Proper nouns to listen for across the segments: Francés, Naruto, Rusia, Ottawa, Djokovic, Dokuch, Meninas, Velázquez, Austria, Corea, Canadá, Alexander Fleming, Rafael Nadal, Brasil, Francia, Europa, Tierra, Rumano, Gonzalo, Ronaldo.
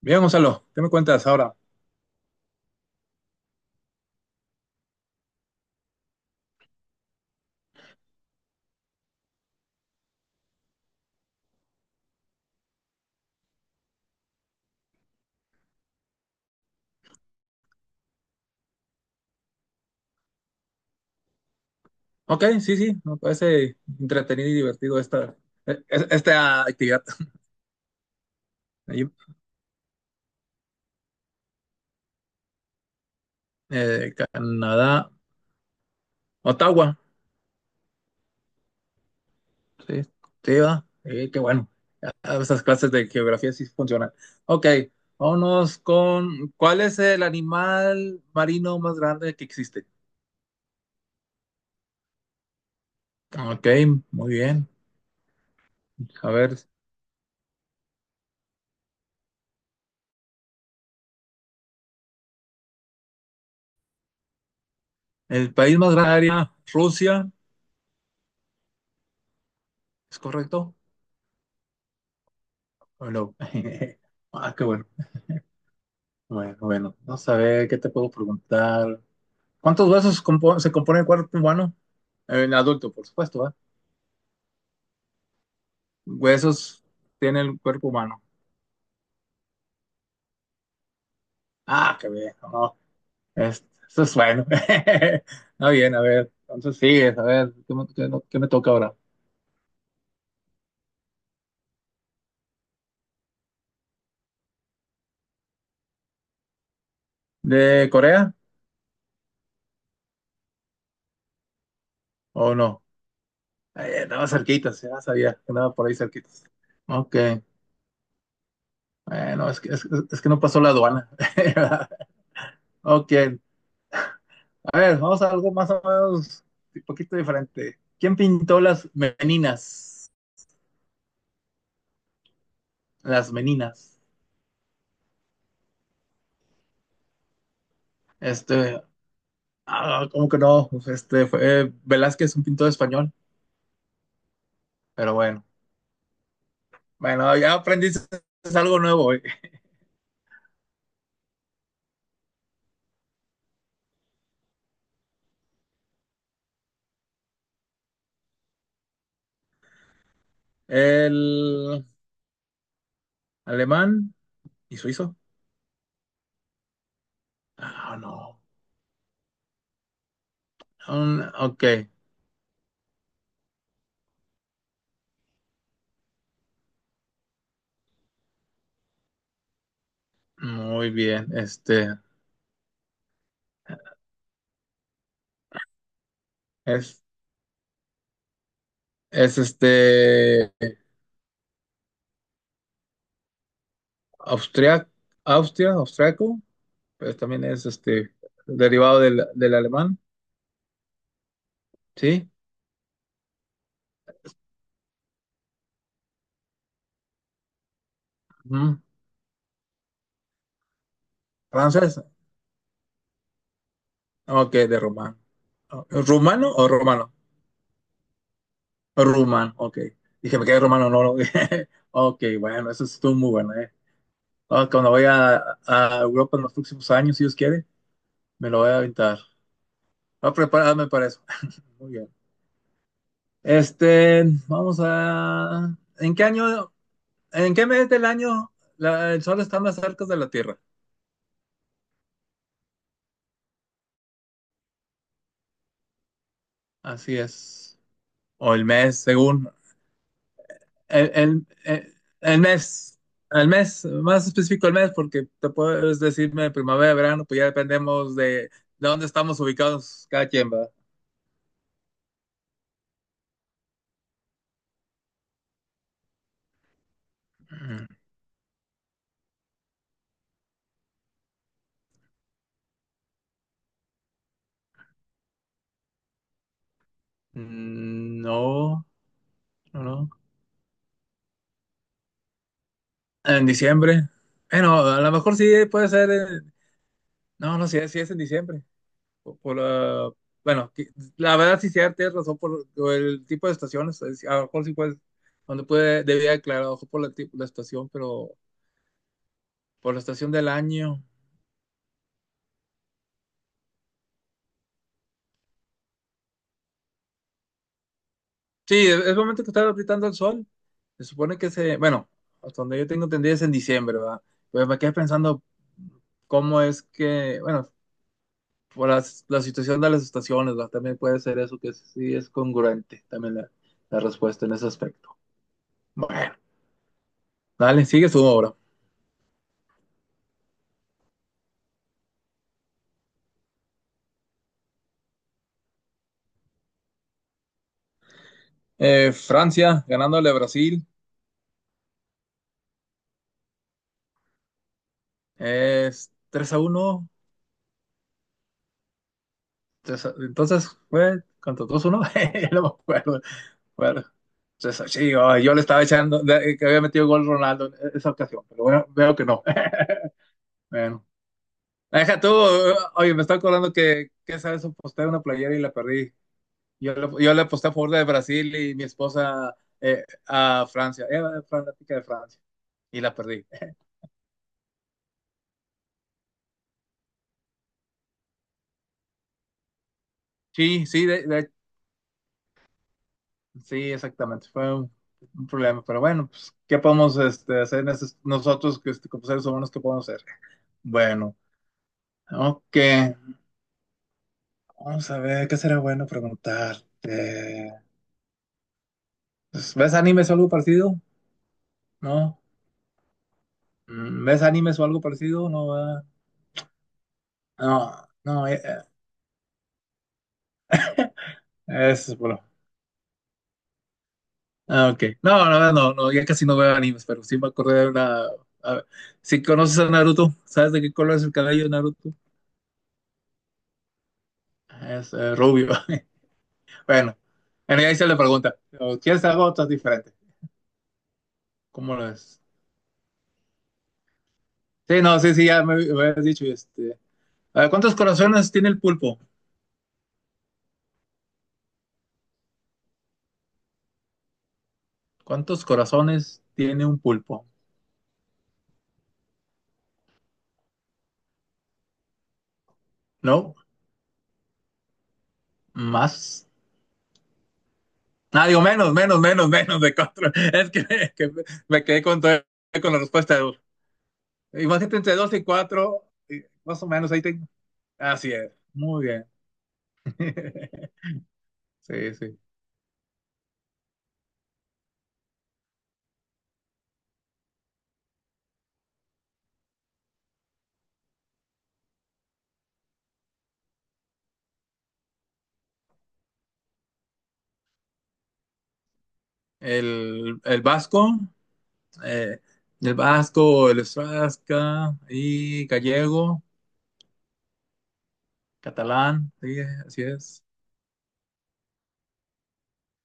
Bien, Gonzalo, ¿qué me cuentas ahora? Ok, sí, sí, me parece entretenido y divertido esta actividad. Ahí, Canadá, Ottawa, sí, sí, va, sí, qué bueno. Ah, esas clases de geografía sí funcionan. Ok, ¿cuál es el animal marino más grande que existe? Ok, muy bien. A ver, el país más grande, Rusia, ¿es correcto? ¿O no? Ah, qué bueno. Bueno, bueno, vamos a ver qué te puedo preguntar. Se compone el cuerpo humano? El adulto, por supuesto, ¿va? Huesos tiene el cuerpo humano. Ah, qué bien, no, eso es bueno. Está bien, a ver, entonces sigues, a ver, ¿qué me, qué- no, qué me toca ahora? ¿De Corea o no? Andaba cerquita, ya sabía que andaba por ahí cerquita. Ok, bueno, es que no pasó la aduana. Ok, a ver, vamos a algo más o menos un poquito diferente. ¿Quién pintó las meninas? Las meninas. Este, ah, ¿cómo que no? Pues, este fue Velázquez, un pintor español, pero bueno. Bueno, ya aprendiste algo nuevo hoy. El alemán y suizo. Ah, no. Ok, muy bien. Este es, es este Austria, Austria, austriaco. Pues también es derivado del alemán, ¿sí? Ujú. Francés, ok, de rumano. ¿Rumano o romano? Rumán, ok. Dije, me quedé rumano, no, no. Ok, bueno, eso estuvo muy bueno, ¿eh? Ah, cuando voy a Europa en los próximos años, si Dios quiere, me lo voy a aventar. Voy a prepararme para eso. Muy bien. Este, vamos a... ¿ en qué mes del año el sol está más cerca de la Tierra? Así es. O el mes, según. El, el, el- el el mes, más específico el mes, porque te puedes decirme primavera, verano, pues ya dependemos de dónde estamos ubicados cada quien, va. Mm, no, no, no. En diciembre. Bueno, a lo mejor sí puede ser. No, no, sí, sí es en diciembre. Por, por la- Bueno, la verdad sí, sí, tienes razón por el tipo de estaciones. A lo mejor sí puede, donde puede, debía aclarar ojo por la, la estación, pero por la estación del año. Sí, es el momento que está gritando el sol. Se supone que se, bueno, hasta donde yo tengo entendido es en diciembre, ¿verdad? Pues me quedé pensando cómo es que, bueno, por la situación de las estaciones, ¿verdad? También puede ser eso, que sí es congruente también la respuesta en ese aspecto. Bueno, dale, sigue su obra. Francia ganándole a Brasil, es 3 a uno. Entonces fue, ¿cuánto? Dos uno. No me acuerdo. Bueno, entonces, sí, ay, yo le estaba echando que había metido gol Ronaldo en esa ocasión, pero bueno, veo que no. Bueno, deja tú, oye, me está acordando que esa vez aposté una playera y la perdí. Yo le aposté a favor de Brasil y mi esposa a Francia, era fanática de Francia y la perdí. Sí, sí, sí, exactamente, fue un problema, pero bueno, pues, ¿qué podemos hacer en nosotros que, este, como seres humanos, qué podemos hacer? Bueno, ok, vamos a ver, ¿qué será bueno preguntarte? Pues, ¿ves animes o algo parecido? ¿No? Mm, ¿ves animes o algo parecido? No, ¿verdad? No, no, eso es bueno. Ah, ok. No, no, no, no, ya casi no veo animes, pero sí me acordé de una... A ver, si conoces a Naruto, ¿sabes de qué color es el cabello de Naruto? Es rubio. Bueno, en ahí se le pregunta, ¿o quieres algo otra diferente? ¿Cómo lo ves? Sí, no, sí, sí, ya me habías dicho, este... A ver, ¿cuántos corazones tiene el pulpo? ¿Cuántos corazones tiene un pulpo? ¿No? ¿Más? Ah, digo, menos, menos, menos, menos de cuatro. Es que me quedé con la respuesta. Imagínate entre dos y cuatro, y más o menos ahí tengo. Así es, muy bien. Sí, sí. El vasco, eh, el vasco, el estrasca y gallego, catalán, sí, así es.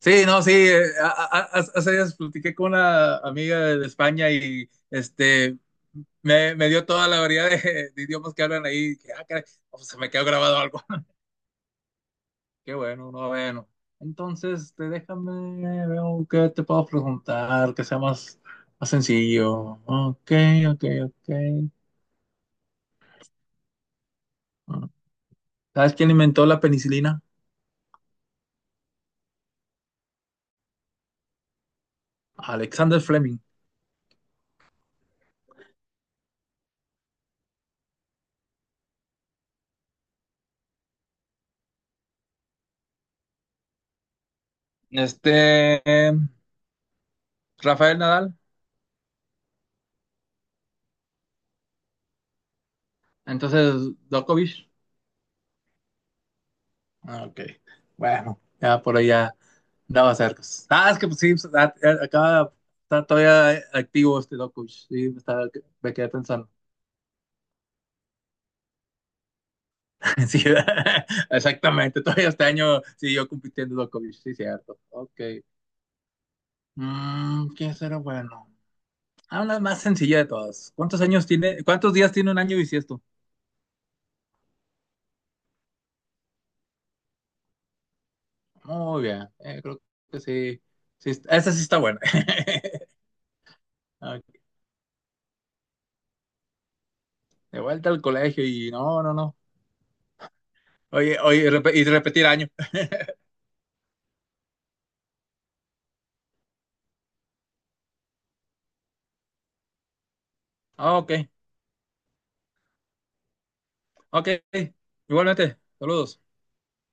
Sí, no, sí, hace días platiqué con una amiga de España y me, me dio toda la variedad de idiomas que hablan ahí. Que, ah, caray, oh, se me quedó grabado algo. Qué bueno, no, bueno. Entonces, este, déjame, veo qué te puedo preguntar, que sea más, más sencillo. Ok, ok, ok. Ah, ¿sabes quién inventó la penicilina? Alexander Fleming. Este, Rafael Nadal. Entonces, Djokovic. Ah, ok. Bueno, ya por ahí ya andaba cerca. Ah, es que pues sí, pues, ah, está todavía activo este Dokuch. Sí, me quedé pensando. Sí, exactamente. Todavía este año siguió compitiendo Dokuch, sí, cierto. Ok. Mm, ¿qué será bueno? Ah, una más sencilla de todas. ¿ Cuántos días tiene un año bisiesto? Muy bien, creo que sí. Sí, esa sí está buena. Ok, de vuelta al colegio y no, no, no. Oye, y repetir año. Ah, ok, ok. Igualmente, saludos.